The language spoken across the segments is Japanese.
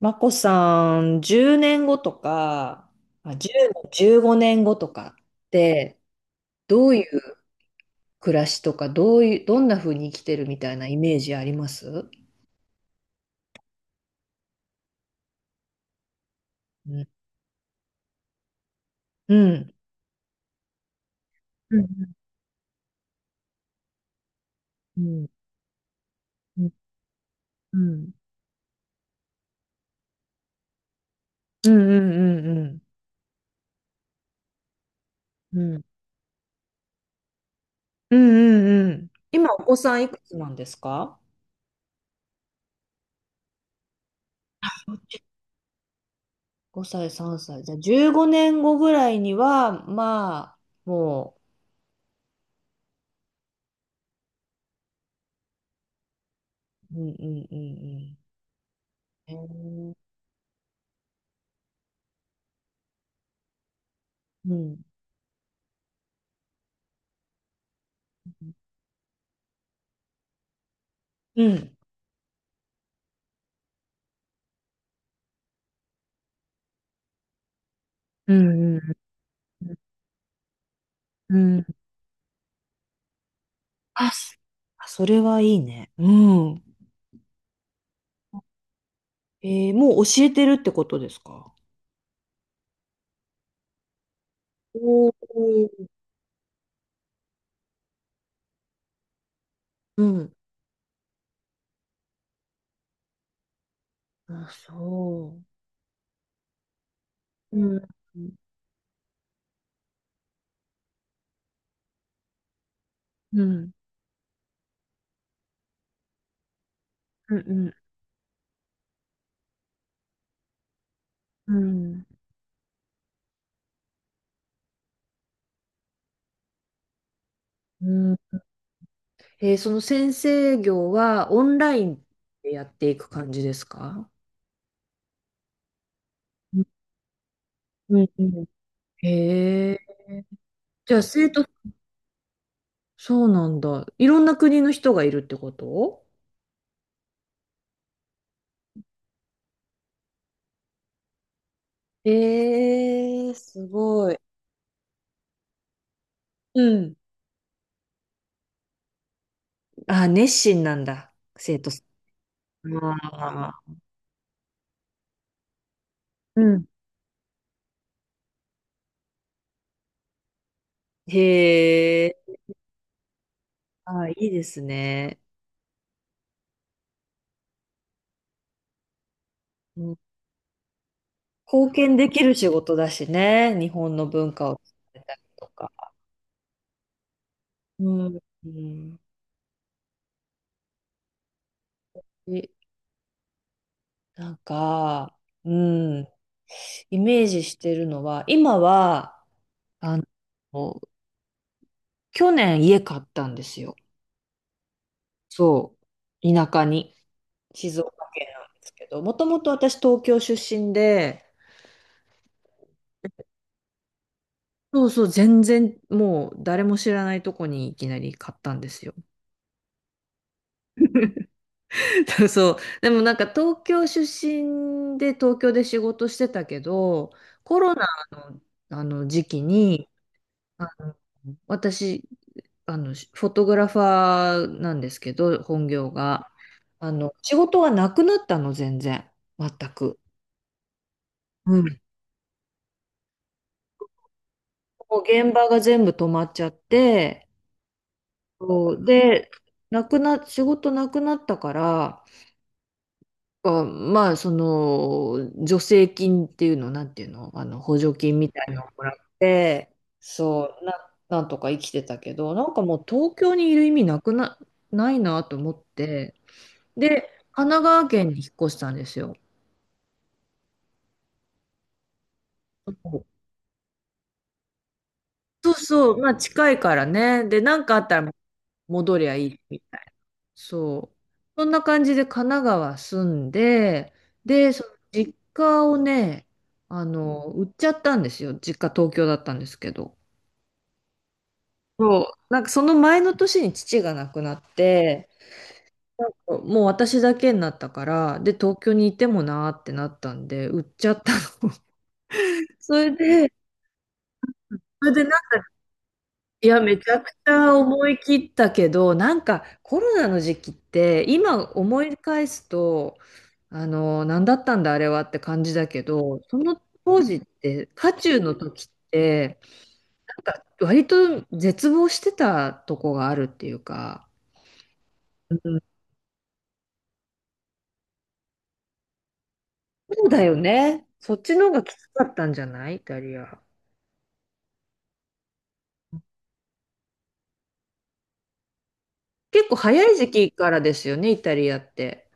まこさん、10年後とか、あ、10 5年後とかって、どういう暮らしとか、どういう、どんな風に生きてるみたいなイメージあります？うん。うん。うんうんうんうんうんうんうんうんうんうん。今、お子さんいくつなんですか？ 5 歳、3歳。じゃあ、15年後ぐらいには、まあ、もうんうんうんうん。へー。うん。うん。うんうんうんうん。あ、そあ、それはいいね。うん。もう教えてるってことですか？おお。うん。あ、そう。うん。うん。うんうんうんうん。その先生業はオンラインでやっていく感じですか？うん。うんうん。へえ。じゃあ生徒、そうなんだ。いろんな国の人がいるってこと？えー、すごい。うん。あ、熱心なんだ。生徒。ああ、うん。へえ、ああ、いいですね。うん。貢献できる仕事だしね、日本の文化を伝えたりとか。うん、うん。え、なんか、うん、イメージしてるのは、今は、あの、去年家買ったんですよ。そう、田舎に、静岡県なんですけど、もともと私東京出身で、そうそう、全然もう誰も知らないとこにいきなり買ったんですよ。そう。でもなんか東京出身で東京で仕事してたけど、コロナの、あの時期に、あ私、フォトグラファーなんですけど、本業が。仕事がなくなったの、全然。全く。うん。もう現場が全部止まっちゃって、そうで、なくな、仕事なくなったから、まあ、助成金っていうの、なんていうの、補助金みたいのをもらって、そう、なんとか生きてたけど、なんかもう東京にいる意味ないなと思って、で、神奈川県に引っ越したんですよ。そうそう、まあ近いからね。で、なんかあったら戻りゃいいみたいな。そう。そんな感じで神奈川住んで、で、その実家をね、売っちゃったんですよ。実家東京だったんですけど。そう。なんかその前の年に父が亡くなって、なんかもう私だけになったから、で、東京にいてもなーってなったんで、売っちゃったの。それで、それでいや、めちゃくちゃ思い切ったけど、なんかコロナの時期って、今思い返すと、何だったんだあれはって感じだけど、その当時って、渦中の時って、なんか割と絶望してたとこがあるっていうか、うん、そうだよね。そっちの方がきつかったんじゃない、イタリア。結構早い時期からですよね、イタリアって。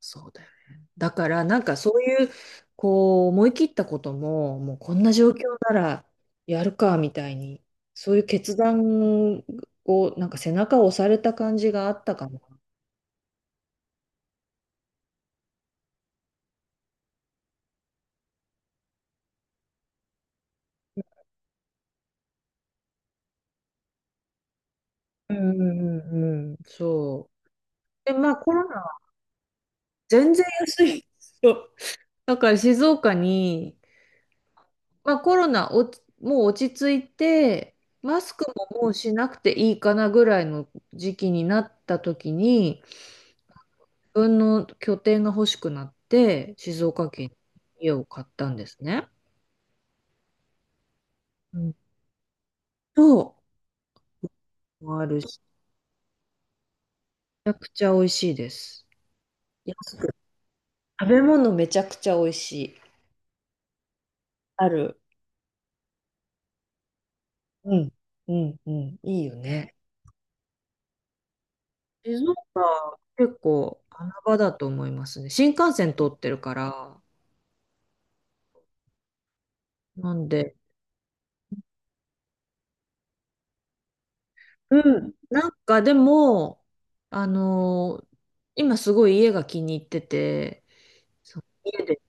そうだよね。だからなんかそういうこう思い切ったことももうこんな状況ならやるかみたいに、そういう決断をなんか背中を押された感じがあったかも。うんうんうんうん。そう。でまあコロナは全然安い。そう。だから静岡に、まあ、コロナもう落ち着いてマスクももうしなくていいかなぐらいの時期になった時に自分の拠点が欲しくなって、静岡県に家を買ったんですね。うん。と、もあるし、めちゃくちゃ美味しいです。安く。食べ物めちゃくちゃ美味しい。ある。うん。うん。うん。いいよね。静岡、結構穴場だと思いますね。新幹線通ってるから。なんで、うん。なんかでも、あのー今すごい家が気に入ってて、そう、家で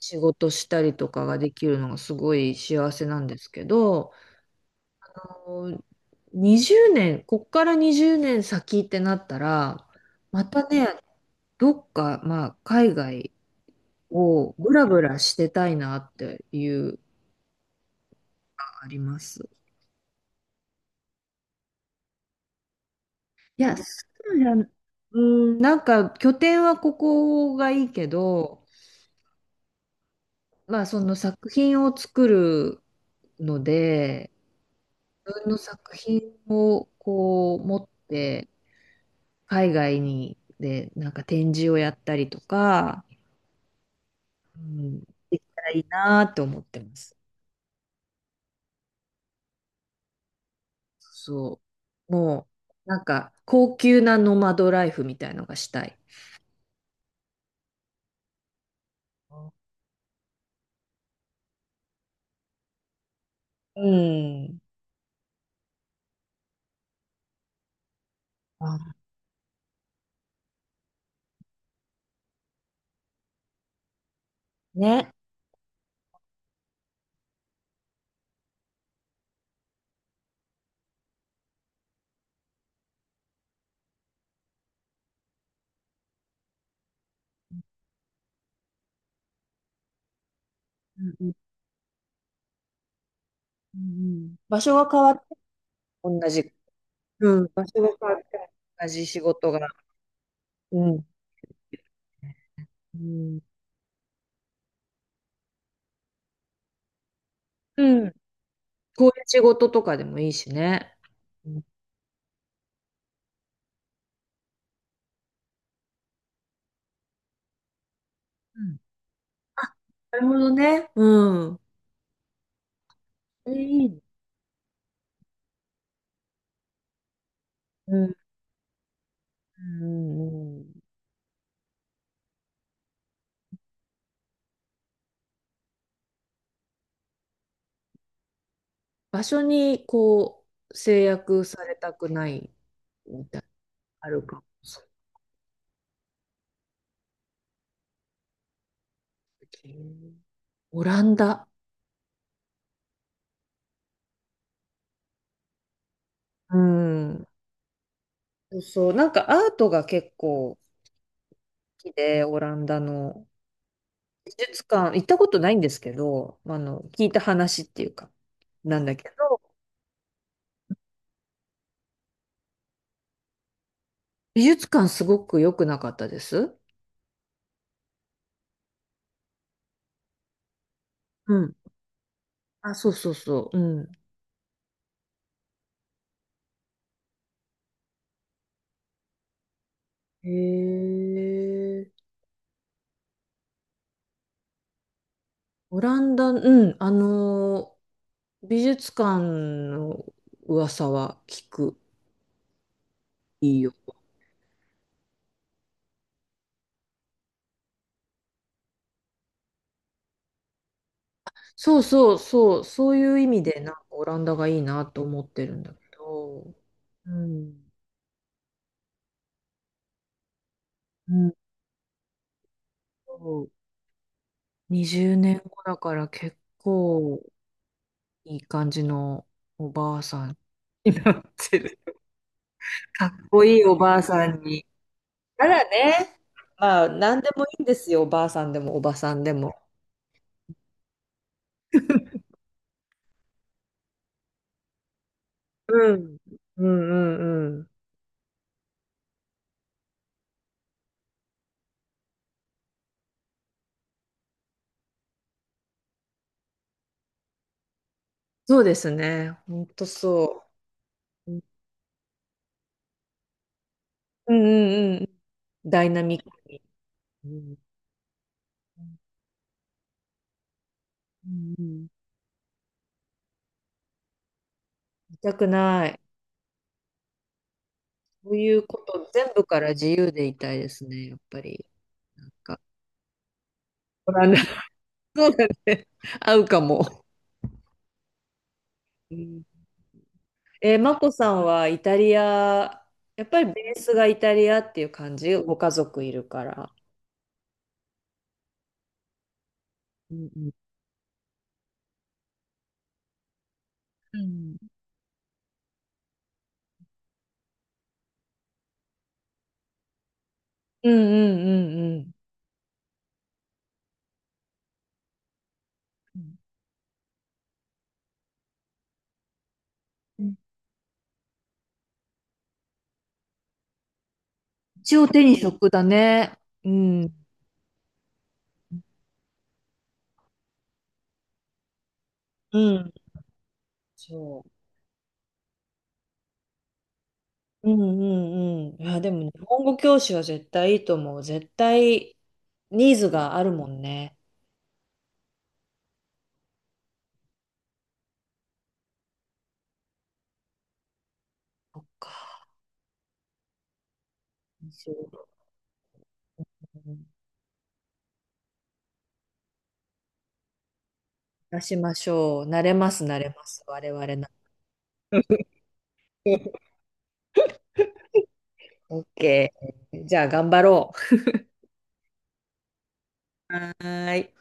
仕事したりとかができるのがすごい幸せなんですけど、あの20年、こっから20年先ってなったら、またね、どっか、まあ、海外をブラブラしてたいなっていうのがあります。いや、そうじゃん、うん、なんか拠点はここがいいけど、まあその作品を作るので、自分の作品をこう持って、海外に、で、なんか展示をやったりとか、うん、できたらいいなって思ってます。そう。もう、なんか、高級なノマドライフみたいのがしたい。うん。あ、ね。うんうんうん。場所が変わって、同じ。うん。場所が変わっても同じ仕事が。うん。うん。うん。こういう仕事とかでもいいしね。うん。うん。あ、なるほどね。うん。え、いいね。うん。うんうん、場所にこう制約されたくないみたいなのあるかもしれない。オランダ。うん。そうそう、なんかアートが結構好きで、オランダの美術館、行ったことないんですけど、聞いた話っていうか、なんだけど、美術館すごく良くなかったです。うん。あ、そうそうそう。うん。へえ。オランダ、うん、美術館の噂は聞く。いいよ。そうそうそう、そういう意味で、なんかオランダがいいなと思ってるんだけど、うん、うん、そう。20年後だから結構いい感じのおばあさんになってる。かっこいいおばあさんに。たらね。まあ、なんでもいいんですよ、おばあさんでもおばさんでも。うん、うん、うん、うん。そうですね。ほんとそう。うんうんうん。ダイナミックに。うんうんうん。痛たくない。そういうこと全部から自由でいたいですね、やっぱり。なんか、ご覧な。 そうだね。合うかも。うん、マコさんはイタリア、やっぱりベースがイタリアっていう感じ、ご家族いるから。うんうんうんうんうんうん。うん。一応手に職だね。うん。うん。そう。うんうんうん。いや、でも日本語教師は絶対いいと思う。絶対ニーズがあるもんね。そっか。そう。うん。出しましょう。慣れます、慣れます。我々な。OK。じゃあ頑張ろう。はーい。